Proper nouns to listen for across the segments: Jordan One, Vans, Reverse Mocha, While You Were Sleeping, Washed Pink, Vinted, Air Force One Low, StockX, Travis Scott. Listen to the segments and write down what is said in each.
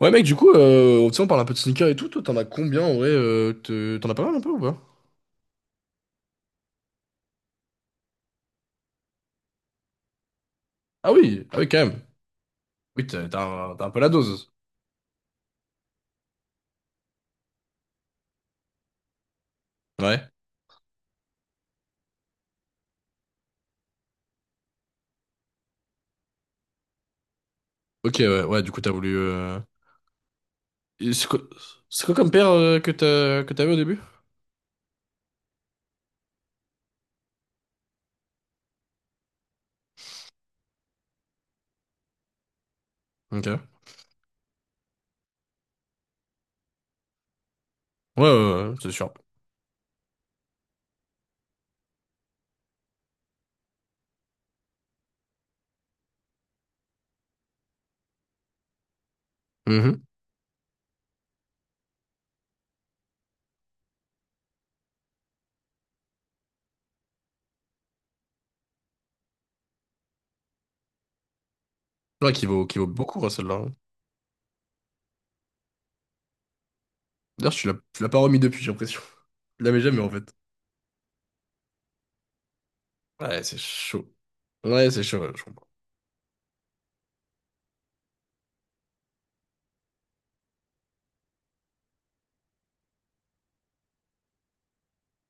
Ouais mec, du coup, tu sais, on parle un peu de sneakers et tout, toi t'en as combien en vrai, t'en as pas mal un peu ou pas? Ah oui, ah oui quand même. Oui, t'as t'as un peu la dose. Ouais. Ok, ouais, ouais, du coup t'as voulu... et c'est quoi, c'est quoi comme paire, que t'as, que t'avais au début? Ok. Ouais, ouais, ouais, c'est sûr. Mhm. Ouais, qui vaut beaucoup, hein, celle-là, hein. D'ailleurs, tu l'as pas remis depuis, j'ai l'impression. Tu l'avais jamais en fait. Ouais, c'est chaud. Ouais, c'est chaud, ouais, je comprends.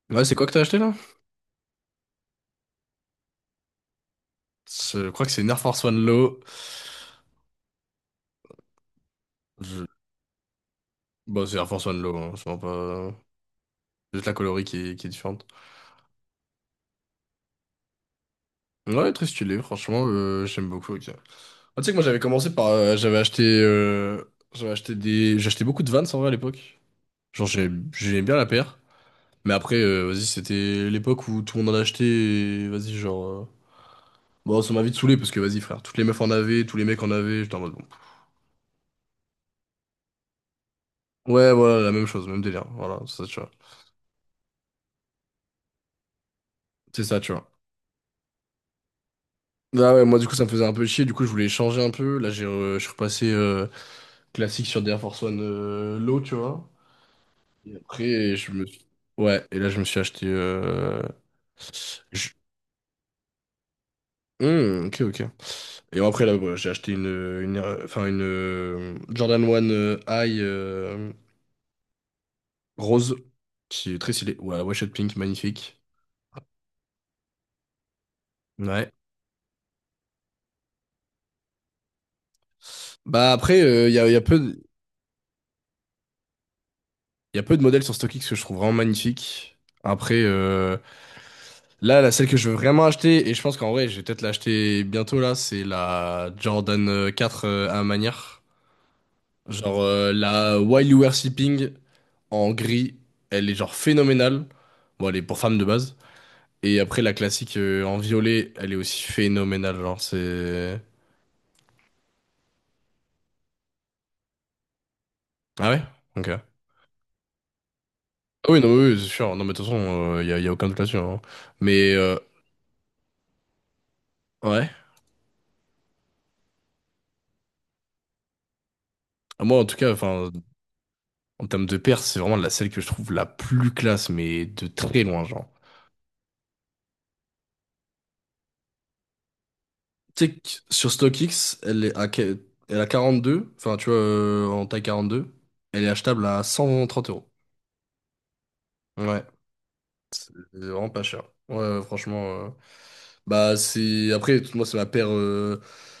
Ouais, c'est quoi que t'as acheté là? Je crois que c'est une Air Force One Low. Je... Bah, c'est Air Force One Low, hein, c'est vraiment pas. Juste la colorie qui est différente. Ouais, très stylé, franchement, j'aime beaucoup. Ok. Ah, tu sais que moi j'avais commencé par... j'avais acheté... j'avais acheté des... J'achetais beaucoup de Vans en vrai à l'époque. Genre, j'aimais bien la paire. Mais après, vas-y, c'était l'époque où tout le monde en achetait, et vas-y, genre. Bon, ça m'a vite saoulé parce que vas-y, frère, toutes les meufs en avaient, tous les mecs en avaient. J'étais en mode bon. Ouais, voilà, la même chose, même délire. Voilà, c'est ça, tu vois. C'est ça, tu vois. Ah ouais, moi du coup ça me faisait un peu chier, du coup je voulais changer un peu. Là, je suis repassé classique sur des Air Force One, Low, tu vois. Et après, je me suis... Ouais, et là, je me suis acheté... je- Hmm, ok, ok. Et après, là, voilà, j'ai acheté une, enfin, une, Jordan One, High, rose, qui est très stylée. Ouais, Washed Pink, magnifique. Ouais. Bah après, il y a, y a peu de, y a peu de modèles sur StockX que je trouve vraiment magnifiques. Après, là, la celle que je veux vraiment acheter, et je pense qu'en vrai, je vais peut-être l'acheter bientôt, là, c'est la Jordan, 4, à manière. Genre, la While You Were Sleeping en gris, elle est genre phénoménale. Bon, elle est pour femme de base. Et après, la classique, en violet, elle est aussi phénoménale. Genre, c'est. Ah ouais? Ok. Ah oui, non, oui, oui, c'est sûr. Non, mais de toute façon, y a aucun doute là-dessus, hein. Mais, ouais. Moi, en tout cas, enfin, en termes de paire, c'est vraiment la celle que je trouve la plus classe, mais de très loin, genre. Tu sais que sur StockX, elle est à 42, enfin, tu vois, en taille 42, elle est achetable à 130 euros. Ouais, c'est vraiment pas cher. Ouais, ouais, franchement. Bah, c'est. Après, moi, c'est ma paire.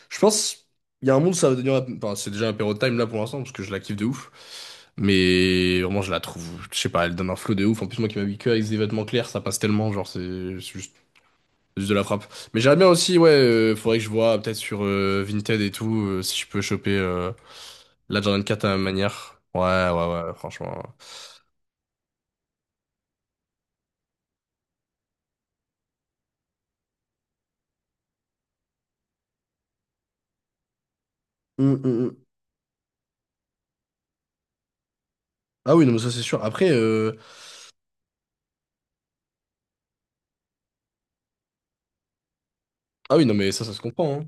Je pense, il y a un monde, ça va devenir Enfin, c'est déjà un paire de time là pour l'instant, parce que je la kiffe de ouf. Mais vraiment, je la trouve... Je sais pas, elle donne un flow de ouf. En plus, moi qui m'habille que avec des vêtements clairs, ça passe tellement. Genre, c'est juste... c'est juste de la frappe. Mais j'aimerais bien aussi, ouais, faudrait que je vois peut-être sur, Vinted et tout, si je peux choper, la Jordan 4 à ma manière. Ouais, ouais, ouais, franchement. Hum, hum, hum. Ah oui, non, mais ça c'est sûr. Après, ah oui, non, mais ça se comprend, hein.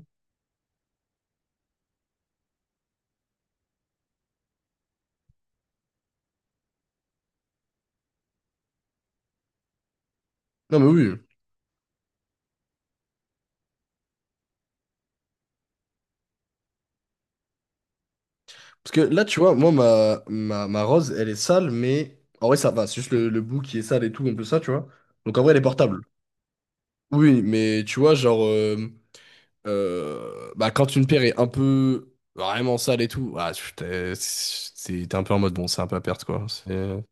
Non, mais oui. Parce que là, tu vois, moi, ma rose, elle est sale, mais en vrai, ça va. C'est juste le bout qui est sale et tout, un peu ça, tu vois. Donc en vrai, elle est portable. Oui, mais tu vois, genre, bah, quand une paire est un peu vraiment sale et tout, ah, t'es un peu en mode, bon, c'est un peu à perte, quoi. C'est...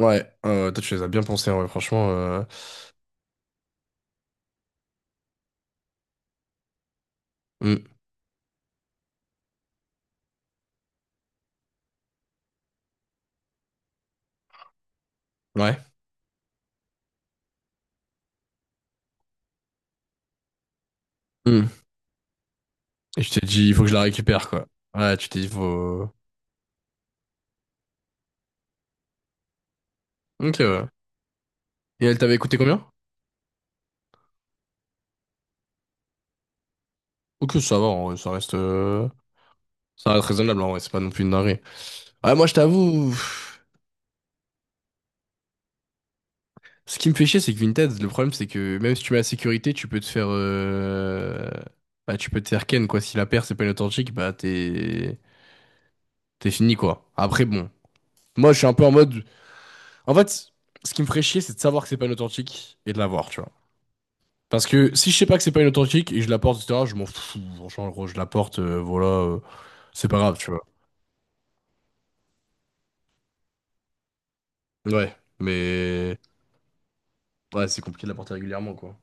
Ouais, toi, tu les as bien pensés, en vrai, franchement. Hmm. Ouais. Hmm. Et je t'ai dit, il faut que je la récupère, quoi. Ouais, tu t'es dit, faut. Ok, ouais. Et elle t'avait coûté combien? Ok, ça va, en vrai, ça reste raisonnable, en vrai, c'est pas non plus une dinguerie. Ouais, moi, je t'avoue, pff, ce qui me fait chier, c'est que Vinted, le problème, c'est que même si tu mets la sécurité, tu peux te faire, bah, tu peux te faire ken, quoi. Si la paire, c'est pas une authentique, bah, t'es fini, quoi. Après, bon. Moi, je suis un peu en mode, en fait, ce qui me ferait chier, c'est de savoir que c'est pas une authentique et de l'avoir, tu vois. Parce que si je sais pas que c'est pas une authentique et je la porte, etc., je m'en fous. Franchement, gros, je la porte, voilà, c'est pas grave, tu vois. Ouais, mais, ouais, c'est compliqué de la porter régulièrement, quoi.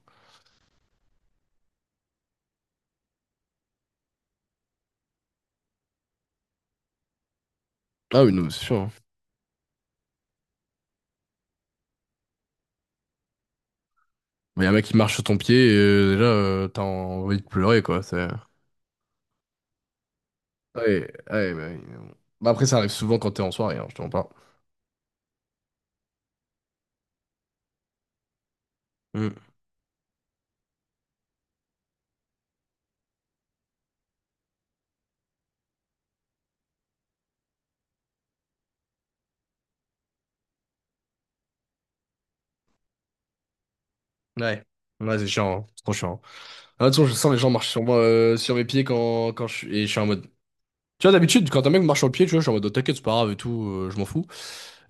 Ah oui, non, mais c'est sûr, hein. Mais y a un mec qui marche sur ton pied, et déjà, t'as envie de pleurer, quoi. C'est... Ouais, ouais, bah, oui, mais bon. Bah, après, ça arrive souvent quand t'es en soirée, hein, je te mens pas. Mm. Ouais. Ouais, c'est chiant, hein. C'est trop chiant, hein. Ah, de toute façon, je sens les gens marchent sur moi, sur mes pieds, quand je suis... Et je suis en mode... Tu vois, d'habitude, quand un mec marche sur le pied, tu vois, je suis en mode, oh, t'inquiète, c'est pas grave et tout, je m'en fous.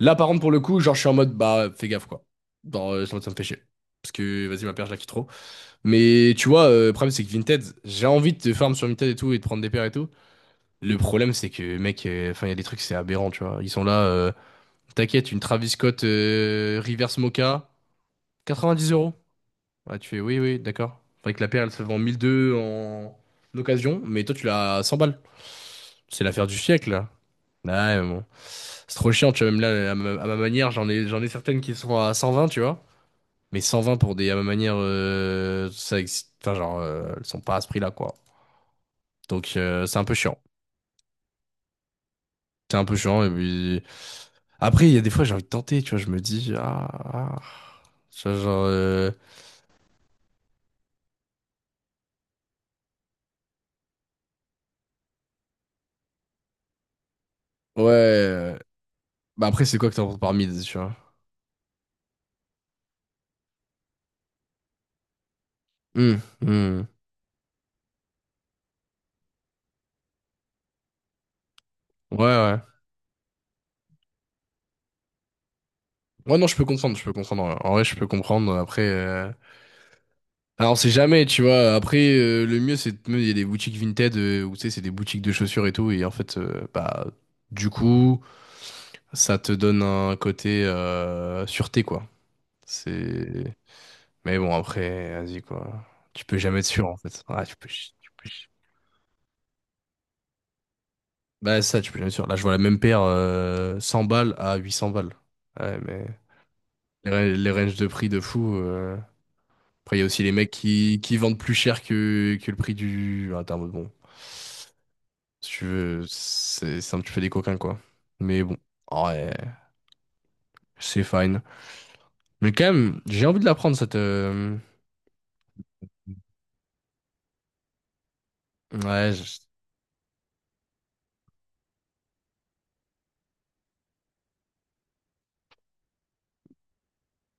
Là, par contre, pour le coup, genre, je suis en mode, bah, fais gaffe, quoi. Genre, ça me fait chier. Parce que, vas-y, ma paire, je la quitte trop. Mais, tu vois, le problème, c'est que Vinted, j'ai envie de te farm sur Vinted et tout, et de prendre des paires et tout. Le problème, c'est que, mec, enfin, il y a des trucs, c'est aberrant, tu vois. Ils sont là, t'inquiète, une Travis Scott, Reverse Mocha, 90 euros. Ah, tu fais, oui, oui, d'accord. Enfin, avec la paire, elle se vend 1002 en occasion, mais toi, tu l'as à 100 balles. C'est l'affaire du siècle, là. Ouais, mais bon. C'est trop chiant, tu vois. Même là, à ma manière, j'en ai certaines qui sont à 120, tu vois. Mais 120 pour des, à ma manière, ça, enfin, genre, elles sont pas à ce prix-là, quoi. Donc, c'est un peu chiant. C'est un peu chiant. Et puis... Après, il y a des fois, j'ai envie de tenter, tu vois. Je me dis, ah, ah. Tu vois, genre, ouais. Bah après, c'est quoi que t'entends par mid, tu vois? Hmm, hmm. Ouais, ouais. Ouais, non, je peux comprendre, je peux comprendre. En vrai, je peux comprendre. Après, alors, on sait jamais, tu vois. Après, le mieux, il y a des boutiques Vinted, où, tu sais, c'est des boutiques de chaussures et tout. Et en fait, bah, du coup, ça te donne un côté, sûreté, quoi. C'est. Mais bon, après, vas-y, quoi. Tu peux jamais être sûr, en fait. Ah, tu peux... Tu peux... Bah, ça, tu peux jamais être sûr. Là, je vois la même paire, 100 balles à 800 balles. Ouais, mais les ranges de prix de fou. Après, il y a aussi les mecs qui vendent plus cher que le prix du... Ah, t'es en mode, bon. Si tu veux, c'est un petit peu des coquins, quoi. Mais bon, ouais, c'est fine. Mais quand même, j'ai envie de la prendre, cette... Ouais,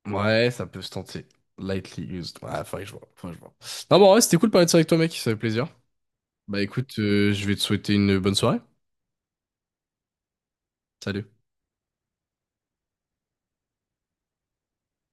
ouais, ça peut se tenter. Lightly used. Ouais, faudrait que je vois. Faudrait que je vois. Non, bon, ouais, c'était cool de parler de ça avec toi, mec. Ça fait plaisir. Bah écoute, je vais te souhaiter une bonne soirée. Salut.